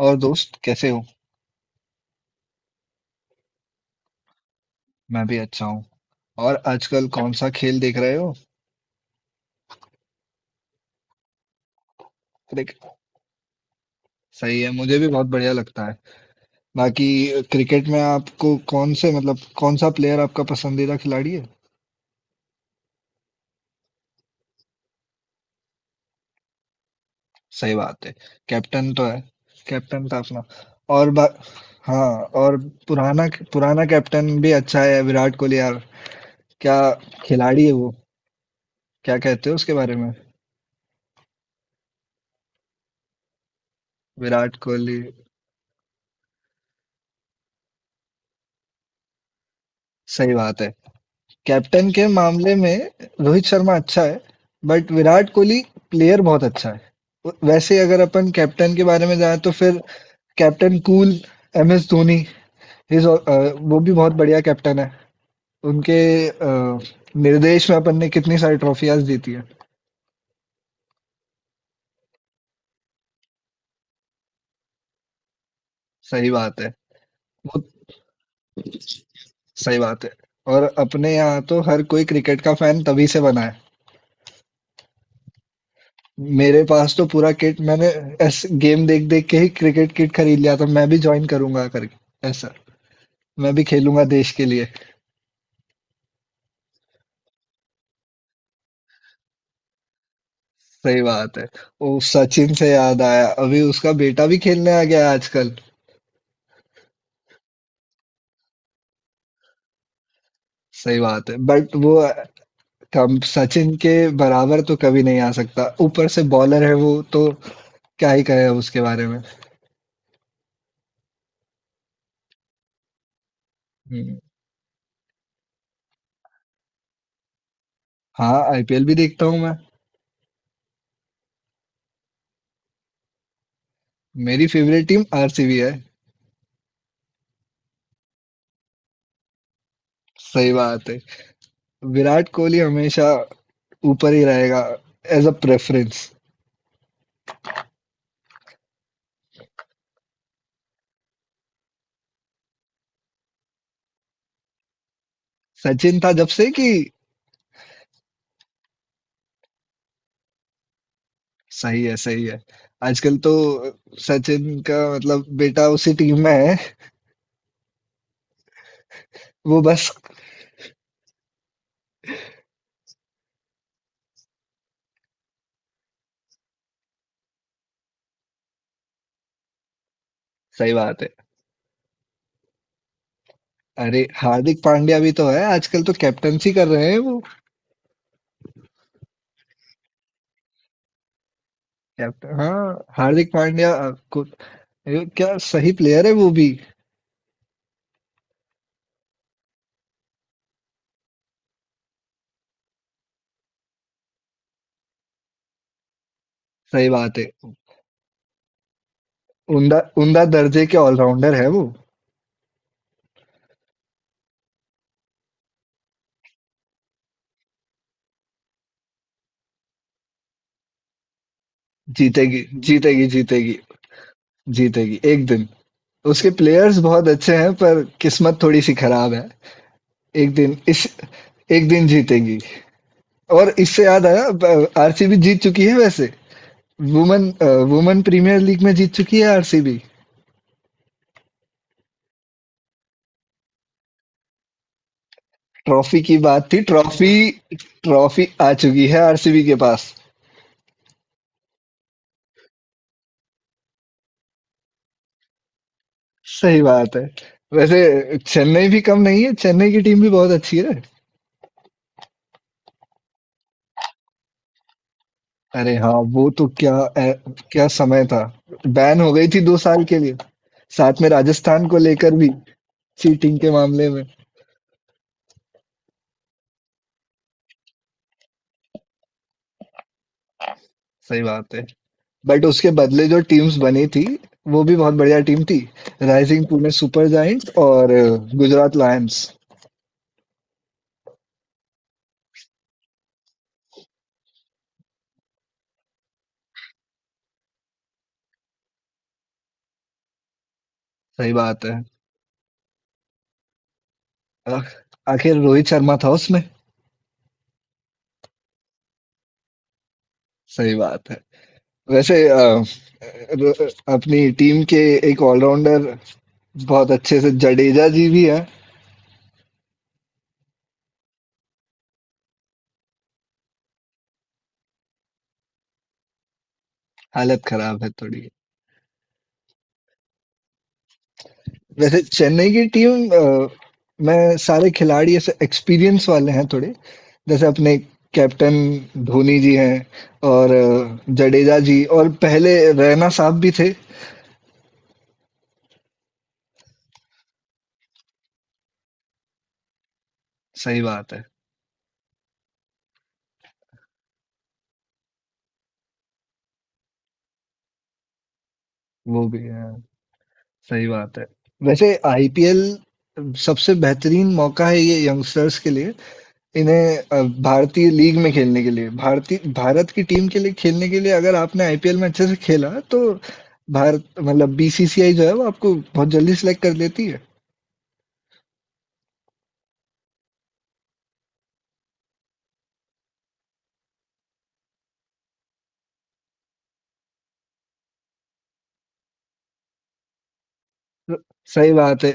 और दोस्त कैसे हो। मैं भी अच्छा हूँ। और आजकल कौन सा खेल देख रहे हो? क्रिकेट। सही है, मुझे भी बहुत बढ़िया लगता है। बाकी क्रिकेट में आपको कौन से मतलब कौन सा प्लेयर आपका पसंदीदा खिलाड़ी है? सही बात है। कैप्टन तो है, कैप्टन था अपना। और हाँ। और पुराना पुराना कैप्टन भी अच्छा है, विराट कोहली यार। क्या खिलाड़ी है वो! क्या कहते हो उसके बारे में? विराट कोहली। सही बात है। कैप्टन के मामले में रोहित शर्मा अच्छा है, बट विराट कोहली प्लेयर बहुत अच्छा है। वैसे अगर अपन कैप्टन के बारे में जाएं तो फिर captain cool M S Dhoni, वो भी बहुत बढ़िया कैप्टन है। उनके अ, निर्देश में अपन ने कितनी सारी ट्रॉफियां जीती है। सही बात है। बहुत सही बात है। और अपने यहाँ तो हर कोई क्रिकेट का फैन तभी से बना है। मेरे पास तो पूरा किट, मैंने ऐसे गेम देख देख के ही क्रिकेट किट खरीद लिया था, मैं भी ज्वाइन करूंगा करके ऐसा, मैं भी खेलूंगा देश के लिए। सही बात है। ओ सचिन से याद आया, अभी उसका बेटा भी खेलने आ गया है आजकल। सही बात है, बट वो कम, सचिन के बराबर तो कभी नहीं आ सकता, ऊपर से बॉलर है वो तो। क्या ही कहे अब उसके बारे में। हम्म। हाँ, आईपीएल भी देखता हूँ मैं। मेरी फेवरेट टीम आरसीबी है। सही बात है। विराट कोहली हमेशा ऊपर ही रहेगा एज अ प्रेफरेंस। सचिन था जब से कि। सही है, सही है। आजकल तो सचिन का मतलब बेटा उसी टीम में है। वो बस। सही बात है। अरे हार्दिक पांड्या भी तो है, आजकल तो कैप्टनसी कर रहे हैं वो। कैप्टन, हाँ, हार्दिक पांड्या को। ये क्या सही प्लेयर है वो भी। सही बात है। उमदा उमदा दर्जे के ऑलराउंडर है वो। जीतेगी, जीतेगी, जीतेगी। जीतेगी एक दिन। उसके प्लेयर्स बहुत अच्छे हैं, पर किस्मत थोड़ी सी खराब है। एक दिन इस, एक दिन जीतेगी। और इससे याद आया, आरसीबी जीत चुकी है वैसे। वुमेन वुमेन प्रीमियर लीग में जीत चुकी है आरसीबी। ट्रॉफी की बात थी, ट्रॉफी। ट्रॉफी आ चुकी है आरसीबी के पास। सही बात है। वैसे चेन्नई भी कम नहीं है, चेन्नई की टीम भी बहुत अच्छी है। अरे हाँ, वो तो क्या क्या समय था। बैन हो गई थी 2 साल के लिए, साथ में राजस्थान को लेकर भी, चीटिंग के मामले में। सही बात है। बट उसके बदले जो टीम्स बनी थी, वो भी बहुत बढ़िया टीम थी। राइजिंग पुणे सुपर जायंट्स और गुजरात लायंस। सही बात है। अ, आखिर रोहित शर्मा था उसमें। सही बात है। वैसे अपनी टीम के एक ऑलराउंडर बहुत अच्छे से जडेजा जी भी है। हालत खराब है थोड़ी। वैसे चेन्नई की टीम में सारे खिलाड़ी ऐसे एक्सपीरियंस वाले हैं थोड़े। जैसे अपने कैप्टन धोनी जी हैं, और जडेजा जी, और पहले रैना साहब भी थे। सही बात है। वो भी है। सही बात है। वैसे आईपीएल सबसे बेहतरीन मौका है ये यंगस्टर्स के लिए। इन्हें भारतीय लीग में खेलने के लिए, भारत की टीम के लिए खेलने के लिए, अगर आपने आईपीएल में अच्छे से खेला तो भारत मतलब बीसीसीआई जो है वो आपको बहुत जल्दी सिलेक्ट कर लेती है। सही बात है।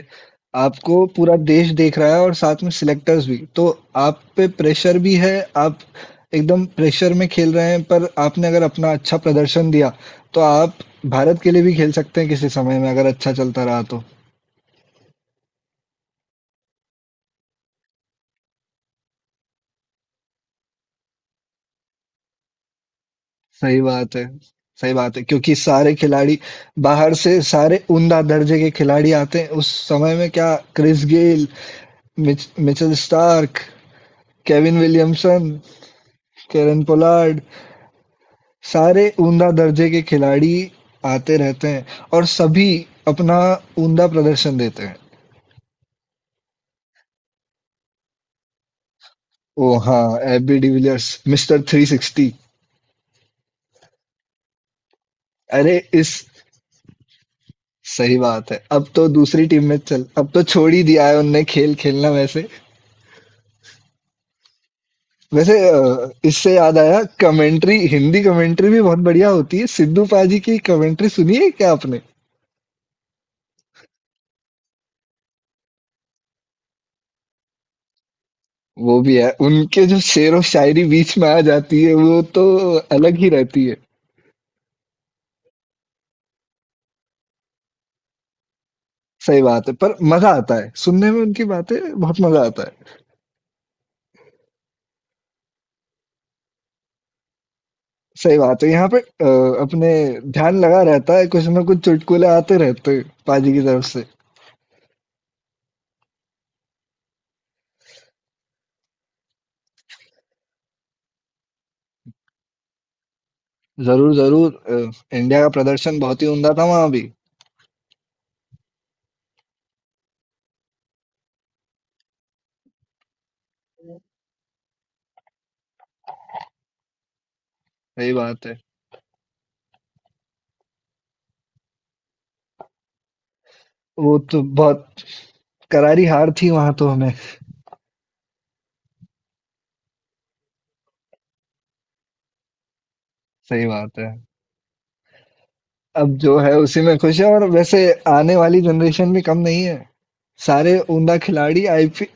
आपको पूरा देश देख रहा है, और साथ में सिलेक्टर्स भी, तो आप पे प्रेशर भी है। आप एकदम प्रेशर में खेल रहे हैं, पर आपने अगर अपना अच्छा प्रदर्शन दिया तो आप भारत के लिए भी खेल सकते हैं किसी समय में, अगर अच्छा चलता रहा तो। सही बात है, सही बात है। क्योंकि सारे खिलाड़ी बाहर से, सारे उम्दा दर्जे के खिलाड़ी आते हैं। उस समय में क्या क्रिस गेल, Mitchell Starc, Kevin Williamson, Kieron Pollard, सारे उम्दा दर्जे के खिलाड़ी आते रहते हैं और सभी अपना उम्दा प्रदर्शन देते हैं। ओह! हाँ, एबी डिविलियर्स मिस्टर 360। अरे इस सही बात है। अब तो दूसरी टीम में चल, अब तो छोड़ ही दिया है उनने खेल खेलना वैसे। वैसे इससे याद आया, कमेंट्री, हिंदी कमेंट्री भी बहुत बढ़िया होती है। सिद्धू पाजी की कमेंट्री सुनी है क्या आपने? वो भी है, उनके जो शेर और शायरी बीच में आ जाती है वो तो अलग ही रहती है। सही बात है, पर मजा आता है सुनने में उनकी बातें, बहुत मजा आता है। सही बात है, यहाँ पे अपने ध्यान लगा रहता है, कुछ ना कुछ चुटकुले आते रहते हैं पाजी की तरफ से। जरूर जरूर। इंडिया का प्रदर्शन बहुत ही उमदा था वहां भी। सही बात है। वो तो बहुत करारी हार थी वहां तो हमें। सही बात है, अब जो है उसी में खुश है, और वैसे आने वाली जनरेशन भी कम नहीं है। सारे उमदा खिलाड़ी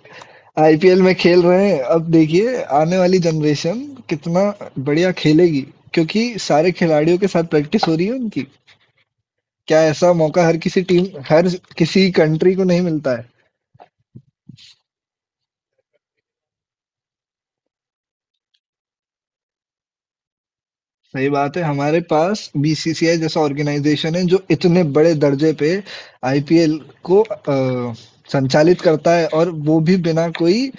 आईपीएल में खेल रहे हैं, अब देखिए आने वाली जनरेशन कितना बढ़िया खेलेगी क्योंकि सारे खिलाड़ियों के साथ प्रैक्टिस हो रही है उनकी। क्या ऐसा मौका हर किसी टीम, हर किसी कंट्री को नहीं मिलता है। सही बात है, हमारे पास बीसीसीआई जैसा ऑर्गेनाइजेशन है जो इतने बड़े दर्जे पे आईपीएल को अ, संचालित करता है, और वो भी बिना कोई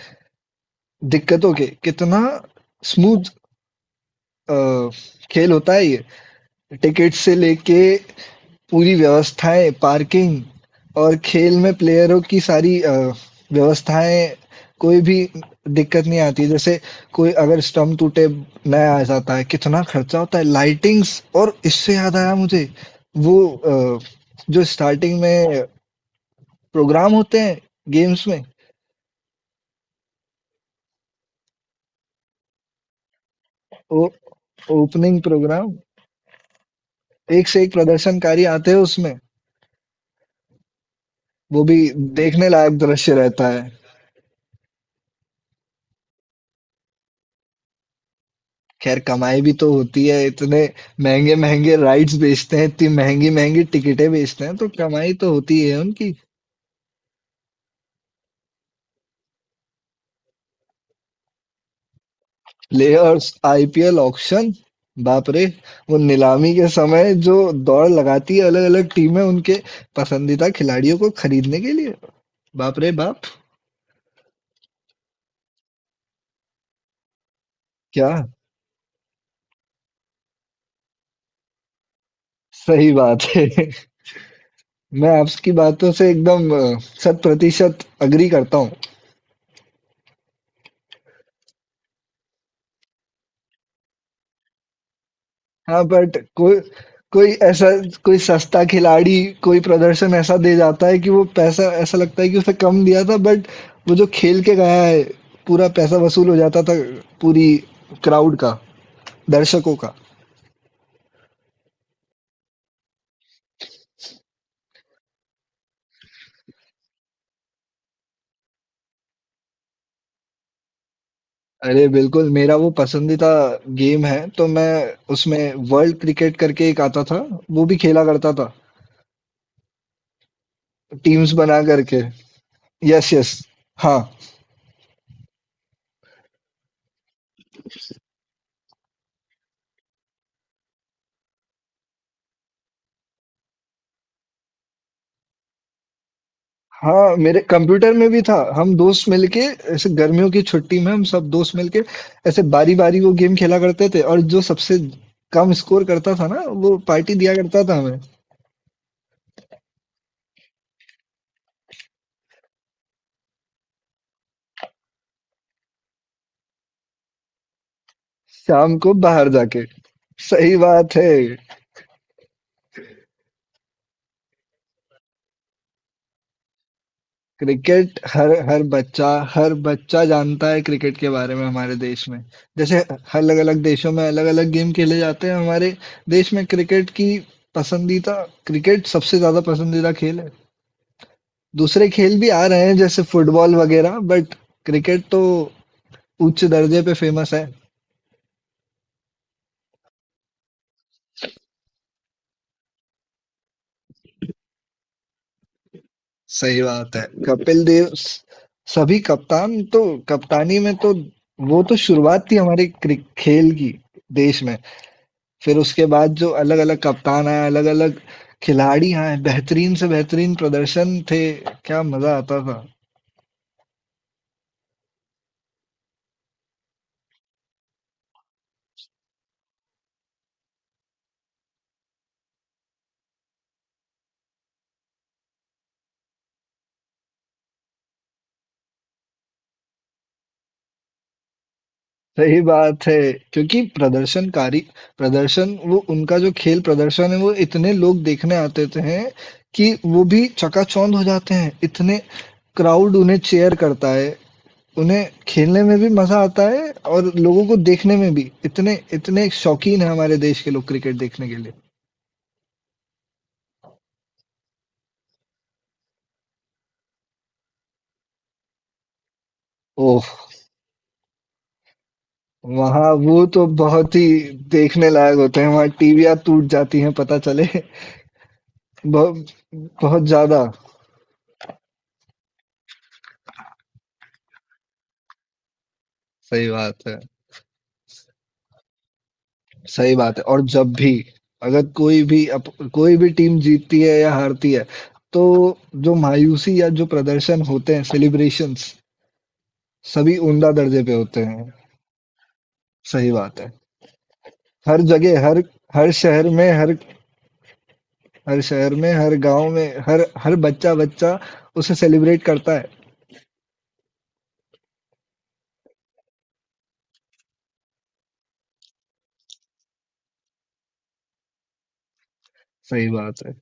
दिक्कतों के, कितना स्मूथ अ, खेल होता है ये। टिकट से लेके पूरी व्यवस्थाएं, पार्किंग, और खेल में प्लेयरों की सारी व्यवस्थाएं, कोई भी दिक्कत नहीं आती। जैसे कोई अगर स्टंप टूटे, नया आ जाता है। कितना खर्चा होता है लाइटिंग्स, और इससे याद आया मुझे वो जो स्टार्टिंग में प्रोग्राम होते हैं गेम्स में, वो ओपनिंग प्रोग्राम, एक से एक प्रदर्शनकारी आते हैं उसमें। वो भी देखने लायक दृश्य रहता है। ख़ैर कमाई भी तो होती है, इतने महँगे-महँगे राइड्स बेचते हैं, इतनी महँगी-महँगी टिकटें बेचते हैं, तो कमाई तो होती है उनकी। प्लेयर्स, आईपीएल ऑक्शन, बाप रे! वो नीलामी के समय जो दौड़ लगाती है अलग-अलग टीमें उनके पसंदीदा खिलाड़ियों को खरीदने के लिए, बाप रे बाप! क्या सही बात है। मैं आपकी बातों से एकदम शत प्रतिशत एग्री करता हूँ। हाँ बट कोई, कोई ऐसा, कोई सस्ता खिलाड़ी कोई प्रदर्शन ऐसा दे जाता है कि वो पैसा ऐसा लगता है कि उसे कम दिया था, बट वो जो खेल के गया है पूरा पैसा वसूल हो जाता था, पूरी क्राउड का दर्शकों का। अरे बिल्कुल, मेरा वो पसंदीदा गेम है, तो मैं उसमें वर्ल्ड क्रिकेट करके एक आता था वो भी खेला करता था टीम्स बना करके। यस यस, हाँ हाँ। मेरे कंप्यूटर में भी था, हम दोस्त मिलके ऐसे गर्मियों की छुट्टी में, हम सब दोस्त मिलके ऐसे बारी बारी वो गेम खेला करते थे, और जो सबसे कम स्कोर करता था ना वो पार्टी दिया करता था हमें। शाम को बाहर जाके सही बात है। क्रिकेट, हर हर बच्चा, हर बच्चा जानता है क्रिकेट के बारे में हमारे देश में। जैसे अलग अलग देशों में अलग अलग गेम खेले जाते हैं, हमारे देश में क्रिकेट की पसंदीदा, क्रिकेट सबसे ज्यादा पसंदीदा खेल है। दूसरे खेल भी आ रहे हैं जैसे फुटबॉल वगैरह, बट क्रिकेट तो उच्च दर्जे पे फेमस है। सही बात है। कपिल देव सभी कप्तान तो, कप्तानी में तो वो तो शुरुआत थी हमारे खेल की देश में। फिर उसके बाद जो अलग अलग कप्तान आए, अलग अलग खिलाड़ी आए, बेहतरीन से बेहतरीन प्रदर्शन थे, क्या मजा आता था। सही बात है, क्योंकि प्रदर्शन, वो उनका जो खेल प्रदर्शन है, वो इतने लोग देखने आते थे हैं कि वो भी चकाचौंध हो जाते हैं इतने। क्राउड उन्हें चेयर करता है, उन्हें खेलने में भी मजा आता है, और लोगों को देखने में भी इतने इतने शौकीन है हमारे देश के लोग क्रिकेट देखने के लिए। ओह। वहाँ वो तो बहुत ही देखने लायक होते हैं, वहाँ टीवियां टूट जाती हैं पता चले। बहुत, बहुत ज्यादा। सही बात है, सही बात है, और जब भी अगर कोई भी कोई भी टीम जीतती है या हारती है, तो जो मायूसी या जो प्रदर्शन होते हैं, सेलिब्रेशंस, सभी उम्दा दर्जे पे होते हैं। सही बात है। हर जगह, हर हर शहर में, हर गांव में, हर हर बच्चा बच्चा उसे सेलिब्रेट करता है। सही बात है,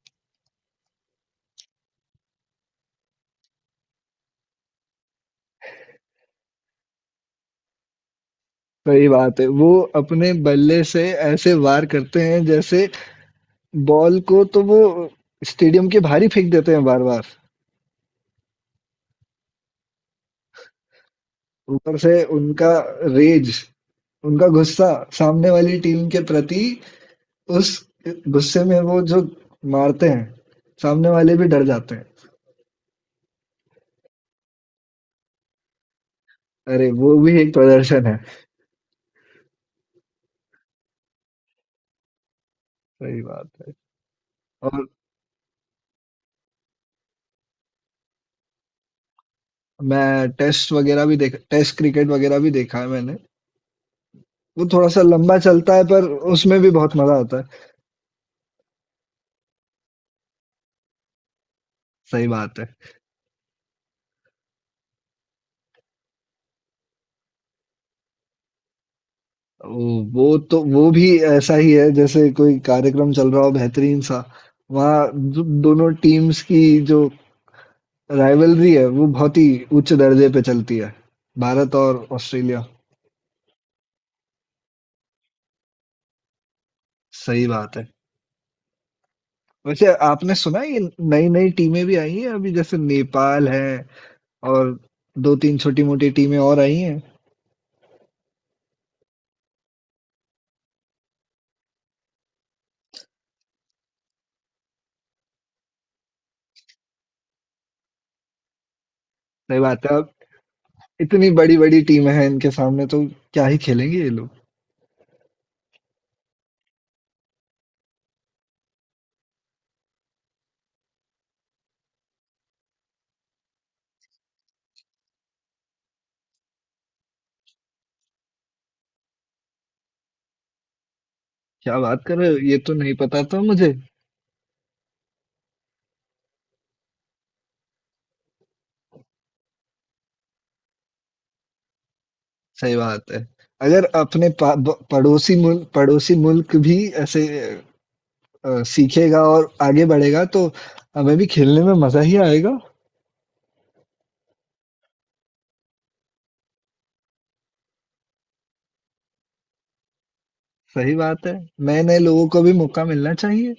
सही बात है। वो अपने बल्ले से ऐसे वार करते हैं जैसे बॉल को तो वो स्टेडियम के बाहर ही फेंक देते हैं बार बार। ऊपर से उनका रेज, उनका गुस्सा सामने वाली टीम के प्रति, उस गुस्से में वो जो मारते हैं, सामने वाले भी डर जाते हैं। अरे! वो भी एक प्रदर्शन है। सही बात है। और मैं टेस्ट वगैरह भी देखा, टेस्ट क्रिकेट वगैरह भी देखा है मैंने। वो थोड़ा-सा लंबा चलता है पर उसमें भी बहुत मज़ा आता है। सही बात है। वो वो तो वो भी ऐसा ही है जैसे कोई कार्यक्रम चल रहा हो बेहतरीन सा, वहाँ दो दोनों टीम्स की जो राइवलरी है वो बहुत ही उच्च दर्जे पे चलती है, भारत और ऑस्ट्रेलिया। सही बात है। वैसे आपने सुना है ये नई नई टीमें भी आई हैं अभी, जैसे नेपाल है, और दो तीन छोटी मोटी टीमें और आई हैं। सही बात है। अब इतनी बड़ी बड़ी टीमें हैं इनके सामने, तो क्या ही खेलेंगे ये लोग। क्या बात कर रहे हो, ये तो नहीं पता था मुझे। सही बात है, अगर अपने पड़ोसी मुल्क भी ऐसे सीखेगा और आगे बढ़ेगा तो हमें भी खेलने में मजा ही आएगा। सही बात है, नए नए लोगों को भी मौका मिलना चाहिए।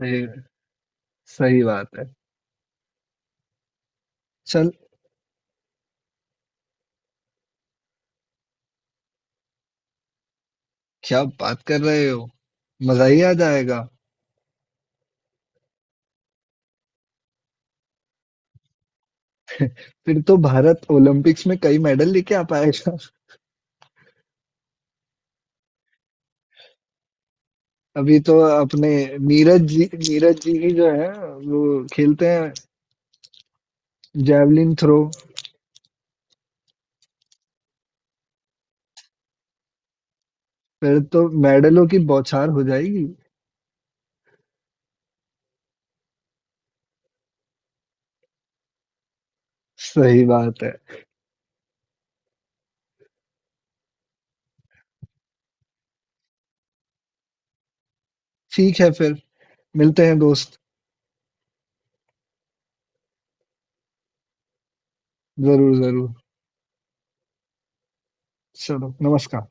सही सही बात है। चल क्या बात कर रहे हो, मजा ही आ जाएगा। फिर तो भारत ओलंपिक्स में कई मेडल लेके आ पाएगा। अभी तो अपने नीरज जी ही जो है वो खेलते हैं जैवलिन थ्रो। फिर तो मेडलों की बौछार हो जाएगी। सही बात है। ठीक है फिर, मिलते हैं दोस्त। जरूर जरूर। चलो, नमस्कार।